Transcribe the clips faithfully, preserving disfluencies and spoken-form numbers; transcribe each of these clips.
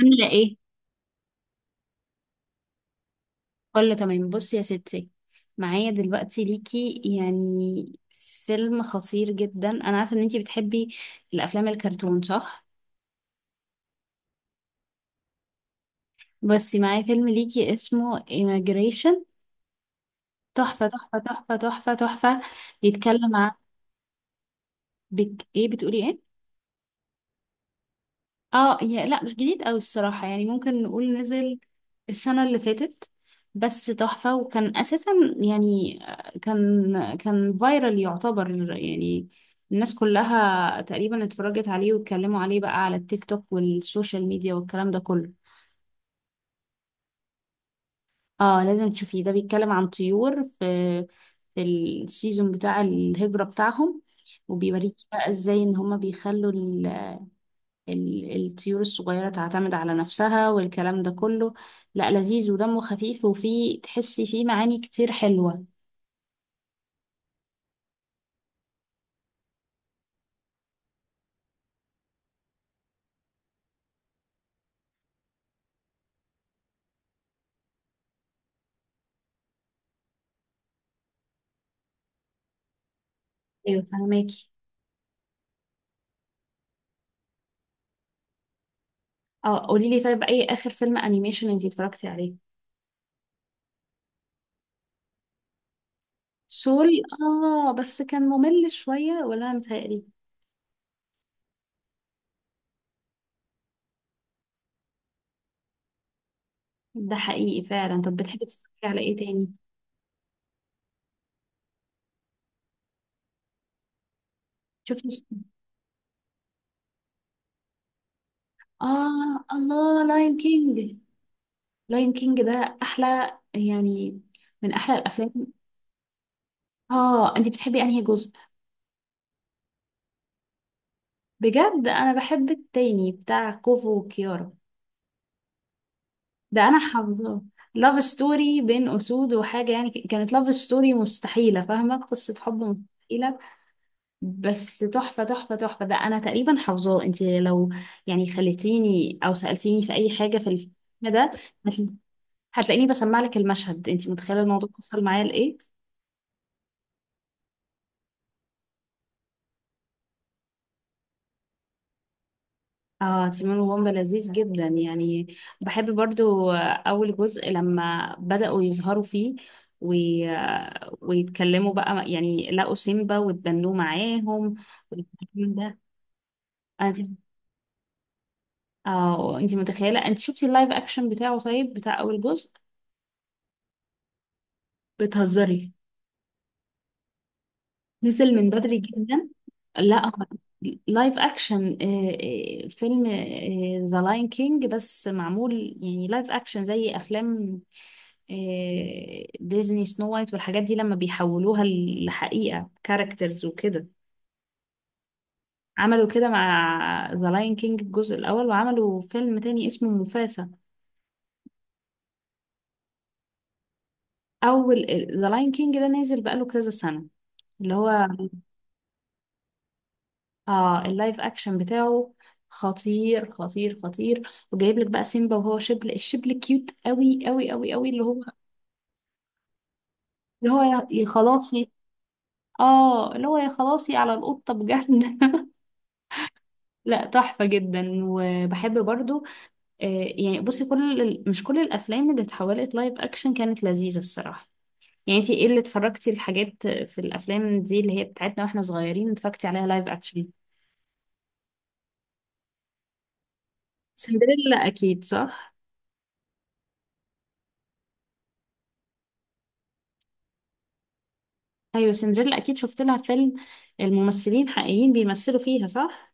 عاملة ايه؟ كله تمام. بصي يا ستي، معايا دلوقتي ليكي يعني فيلم خطير جدا. انا عارفه ان انتي بتحبي الافلام الكرتون، صح؟ بس معايا فيلم ليكي اسمه Immigration. تحفه تحفه تحفه تحفه تحفه. بيتكلم عن، بك... ايه بتقولي ايه؟ اه يا لا، مش جديد قوي الصراحة، يعني ممكن نقول نزل السنة اللي فاتت، بس تحفة. وكان أساسا يعني، آه، كان كان فايرال يعتبر، يعني الناس كلها تقريبا اتفرجت عليه واتكلموا عليه بقى على التيك توك والسوشيال ميديا والكلام ده كله. اه لازم تشوفيه، ده بيتكلم عن طيور في في السيزون بتاع الهجرة بتاعهم، وبيوريك بقى ازاي ان هما بيخلوا ال- الطيور الصغيرة تعتمد على نفسها والكلام ده كله. لا، لذيذ ودمه خفيف، وفيه تحسي فيه معاني كتير حلوة. ايوه فهماكي. اه قولي لي، طيب اي اخر فيلم انيميشن انتي اتفرجتي عليه؟ سول. اه، بس كان ممل شوية، ولا انا متهيألي؟ ده حقيقي فعلا. طب بتحبي تتفرجي على ايه تاني؟ شفتي؟ اه الله، لاين كينج. لاين كينج ده احلى يعني، من احلى الافلام. اه انتي بتحبي انهي جزء؟ بجد انا بحب التاني بتاع كوفو وكيارا، ده انا حافظاه. لاف ستوري بين اسود وحاجه يعني، ك- كانت لاف ستوري مستحيله، فاهمه، قصه حب مستحيله، بس تحفه تحفه تحفه. ده انا تقريبا حافظاه، انت لو يعني خليتيني او سالتيني في اي حاجه في الفيلم ده، هتل- هتلاقيني بسمع لك المشهد. انت متخيله الموضوع وصل معايا لايه. اه، تيمون وومبا لذيذ جدا يعني. بحب برضو اول جزء لما بدأوا يظهروا فيه وي... ويتكلموا بقى، يعني لقوا سيمبا واتبنوه معاهم والكلام ده. انا، اه انت متخيلة، انت شفتي اللايف اكشن بتاعه طيب، بتاع اول جزء؟ بتهزري، نزل من بدري جدا. لا هو لايف اكشن، آه، آه، فيلم ذا لاين كينج، بس معمول يعني لايف اكشن زي افلام آه، ديزني، سنو وايت والحاجات دي لما بيحولوها لحقيقة، كاركترز وكده. عملوا كده مع ذا لاين كينج الجزء الأول، وعملوا فيلم تاني اسمه موفاسا. أول ذا لاين كينج ده نازل بقاله كذا سنة، اللي هو اه اللايف أكشن بتاعه خطير خطير خطير، وجايب لك بقى سيمبا وهو شبل، الشبل كيوت قوي قوي قوي قوي. اللي هو، اللي هو يا يا خلاصي. اه اللي هو، يا خلاصي على القطة بجد لا تحفة جدا. وبحب برضو، آه، يعني بصي، كل ال- مش كل الافلام اللي اتحولت لايف اكشن كانت لذيذه الصراحه. يعني انتي ايه اللي اتفرجتي، الحاجات في الافلام دي اللي هي بتاعتنا واحنا صغيرين، اتفرجتي عليها لايف اكشن؟ سندريلا اكيد، صح؟ ايوه سندريلا اكيد شفت لها فيلم، الممثلين حقيقيين بيمثلوا فيها، صح؟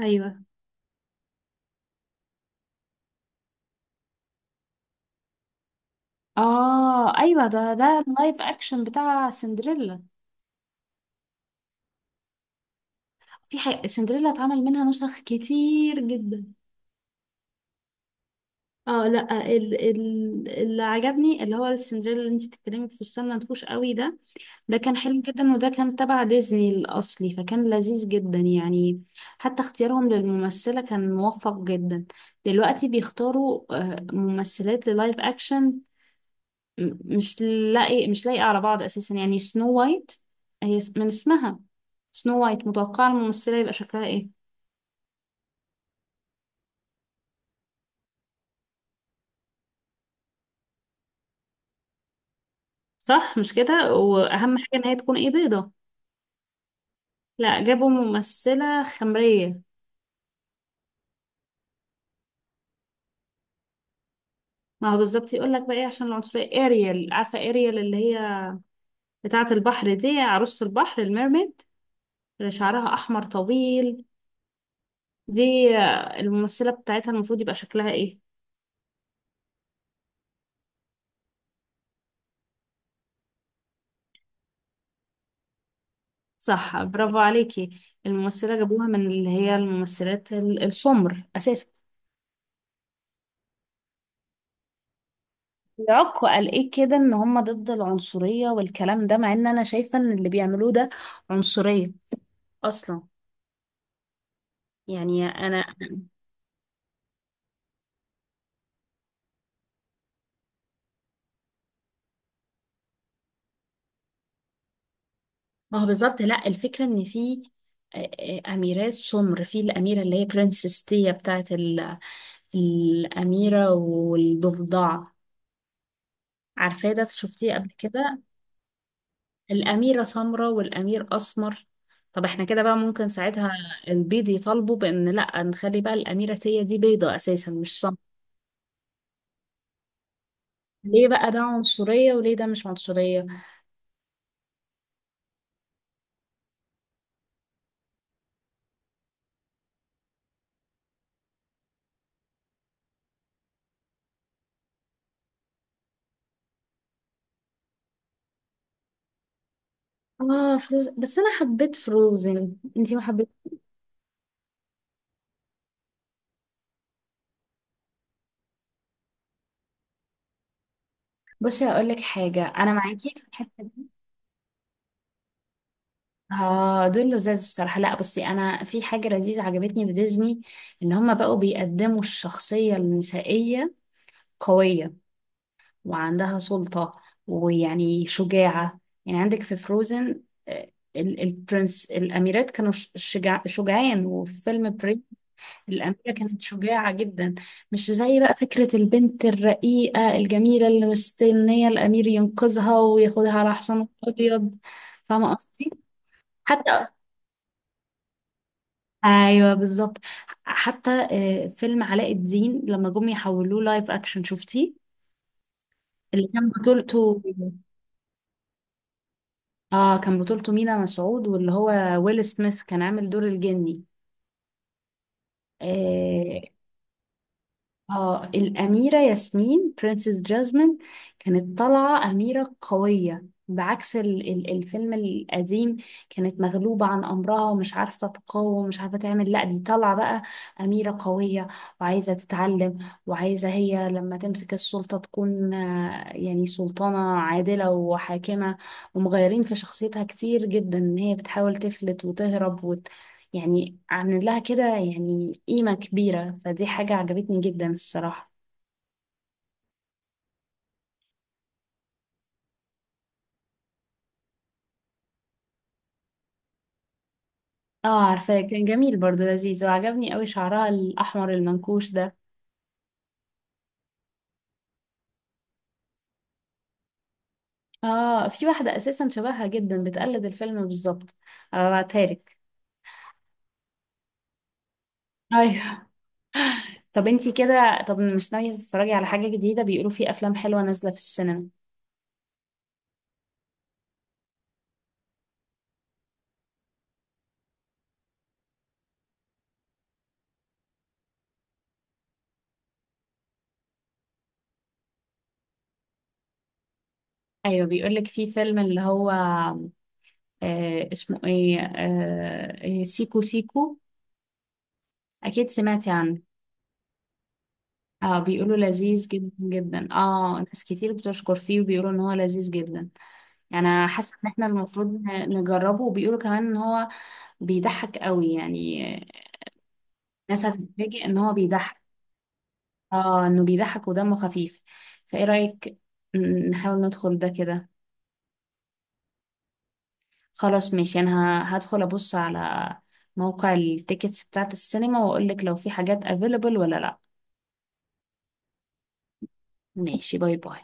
ايوه اه ايوه، ده ده اللايف اكشن بتاع سندريلا. في حق... سندريلا اتعمل منها نسخ كتير جدا. اه لا، ال... ال... اللي عجبني اللي هو السندريلا اللي انت بتتكلمي، في فستان منفوش قوي ده. ده كان حلو جدا، وده كان تبع ديزني الأصلي، فكان لذيذ جدا يعني. حتى اختيارهم للممثلة كان موفق جدا. دلوقتي بيختاروا آه، ممثلات للايف أكشن م- مش لاقي مش لاقي على بعض أساسا، يعني سنو وايت هي اس- من اسمها سنو وايت، متوقعة الممثلة يبقى شكلها ايه. صح مش كده؟ وأهم حاجة إن هي تكون ايه، بيضة. لا، جابوا ممثلة خمرية. ما هو بالظبط، يقول لك بقى ايه، عشان العنصرية. اريال، عارفة اريال اللي هي بتاعة البحر دي، عروسة البحر، الميرميد، اللي شعرها أحمر طويل دي، آه، الممثلة بتاعتها المفروض يبقى شكلها إيه؟ صح، برافو عليكي. الممثلة جابوها من اللي هي الممثلات ال- السمر أساسا. العكو قال إيه كده، إن هما ضد العنصرية والكلام ده، مع إن أنا شايفة إن اللي بيعملوه ده عنصرية أصلا، يعني أنا. ما هو بالظبط. لا الفكرة إن في آه، آه، أميرات سمر، في الأميرة اللي هي برنسس تيا بتاعة ال الأميرة والضفدع، عارفاه ده، شفتيه قبل كده؟ الأميرة سمراء والأمير أسمر. طب احنا كده بقى ممكن ساعتها البيض يطالبوا بأن لأ، نخلي بقى الأميرة هي دي بيضة أساسا مش سمراء. ليه بقى ده عنصرية وليه ده مش عنصرية؟ اه فروز، بس أنا حبيت فروزن، انتي ما حبيت؟ بصي هقول لك حاجة، أنا معاكي في الحتة دي. اه دول لزاز الصراحة. لا بصي، أنا في حاجة لذيذة عجبتني في ديزني، إن هما بقوا بيقدموا الشخصية النسائية قوية، وعندها سلطة، ويعني شجاعة. يعني عندك في فروزن البرنس، الأميرات كانوا ش- شجاع شجعان، وفي فيلم بريد الأميرة كانت شجاعة جدا. مش زي بقى فكرة البنت الرقيقة الجميلة اللي مستنية الأمير ينقذها وياخدها على حصانه الأبيض. فاهمة قصدي؟ حتى، أيوه بالظبط. حتى آه، فيلم علاء الدين لما جم يحولوه لايف أكشن، شفتيه؟ اللي كان بطولته، اه كان بطولته مينا مسعود، واللي هو ويل سميث كان عامل دور الجني آه اه. الأميرة ياسمين، برنسس جاسمين، كانت طالعة أميرة قوية بعكس ال- ال- الفيلم القديم. كانت مغلوبة عن أمرها ومش عارفة تقاوم ومش عارفة تعمل، لا دي طالعة بقى أميرة قوية، وعايزة تتعلم، وعايزة هي لما تمسك السلطة تكون آه، يعني سلطانة عادلة وحاكمة. ومغيرين في شخصيتها كتير جدا، إن هي بتحاول تفلت وتهرب، يعني عامل لها كده يعني قيمة كبيرة، فدي حاجة عجبتني جدا الصراحة. اه عارفة، كان جميل برضو، لذيذ، وعجبني قوي شعرها الأحمر المنكوش ده. اه في واحدة أساسا شبهها جدا، بتقلد الفيلم بالظبط، هبعتها لك. ايوه. طب انتي كده، طب مش ناوية تتفرجي على حاجة جديدة؟ بيقولوا في أفلام حلوة نازلة في السينما. أيوة بيقولك، في فيلم اللي هو آه اسمه ايه، آه إيه، سيكو سيكو، أكيد سمعتي عنه. اه بيقولوا لذيذ جدا جدا، اه ناس كتير بتشكر فيه وبيقولوا ان هو لذيذ جدا. يعني حاسه ان احنا المفروض ن- نجربه، وبيقولوا كمان ان هو بيضحك قوي يعني، ناس هتتفاجئ ان هو بيضحك. اه انه بيضحك ودمه خفيف، فايه رأيك ن- نحاول ندخل ده كده؟ خلاص ماشي، انا ه- هدخل ابص على موقع التيكتس بتاعت السينما، واقول لك لو في حاجات available ولا لا. ماشي، باي باي.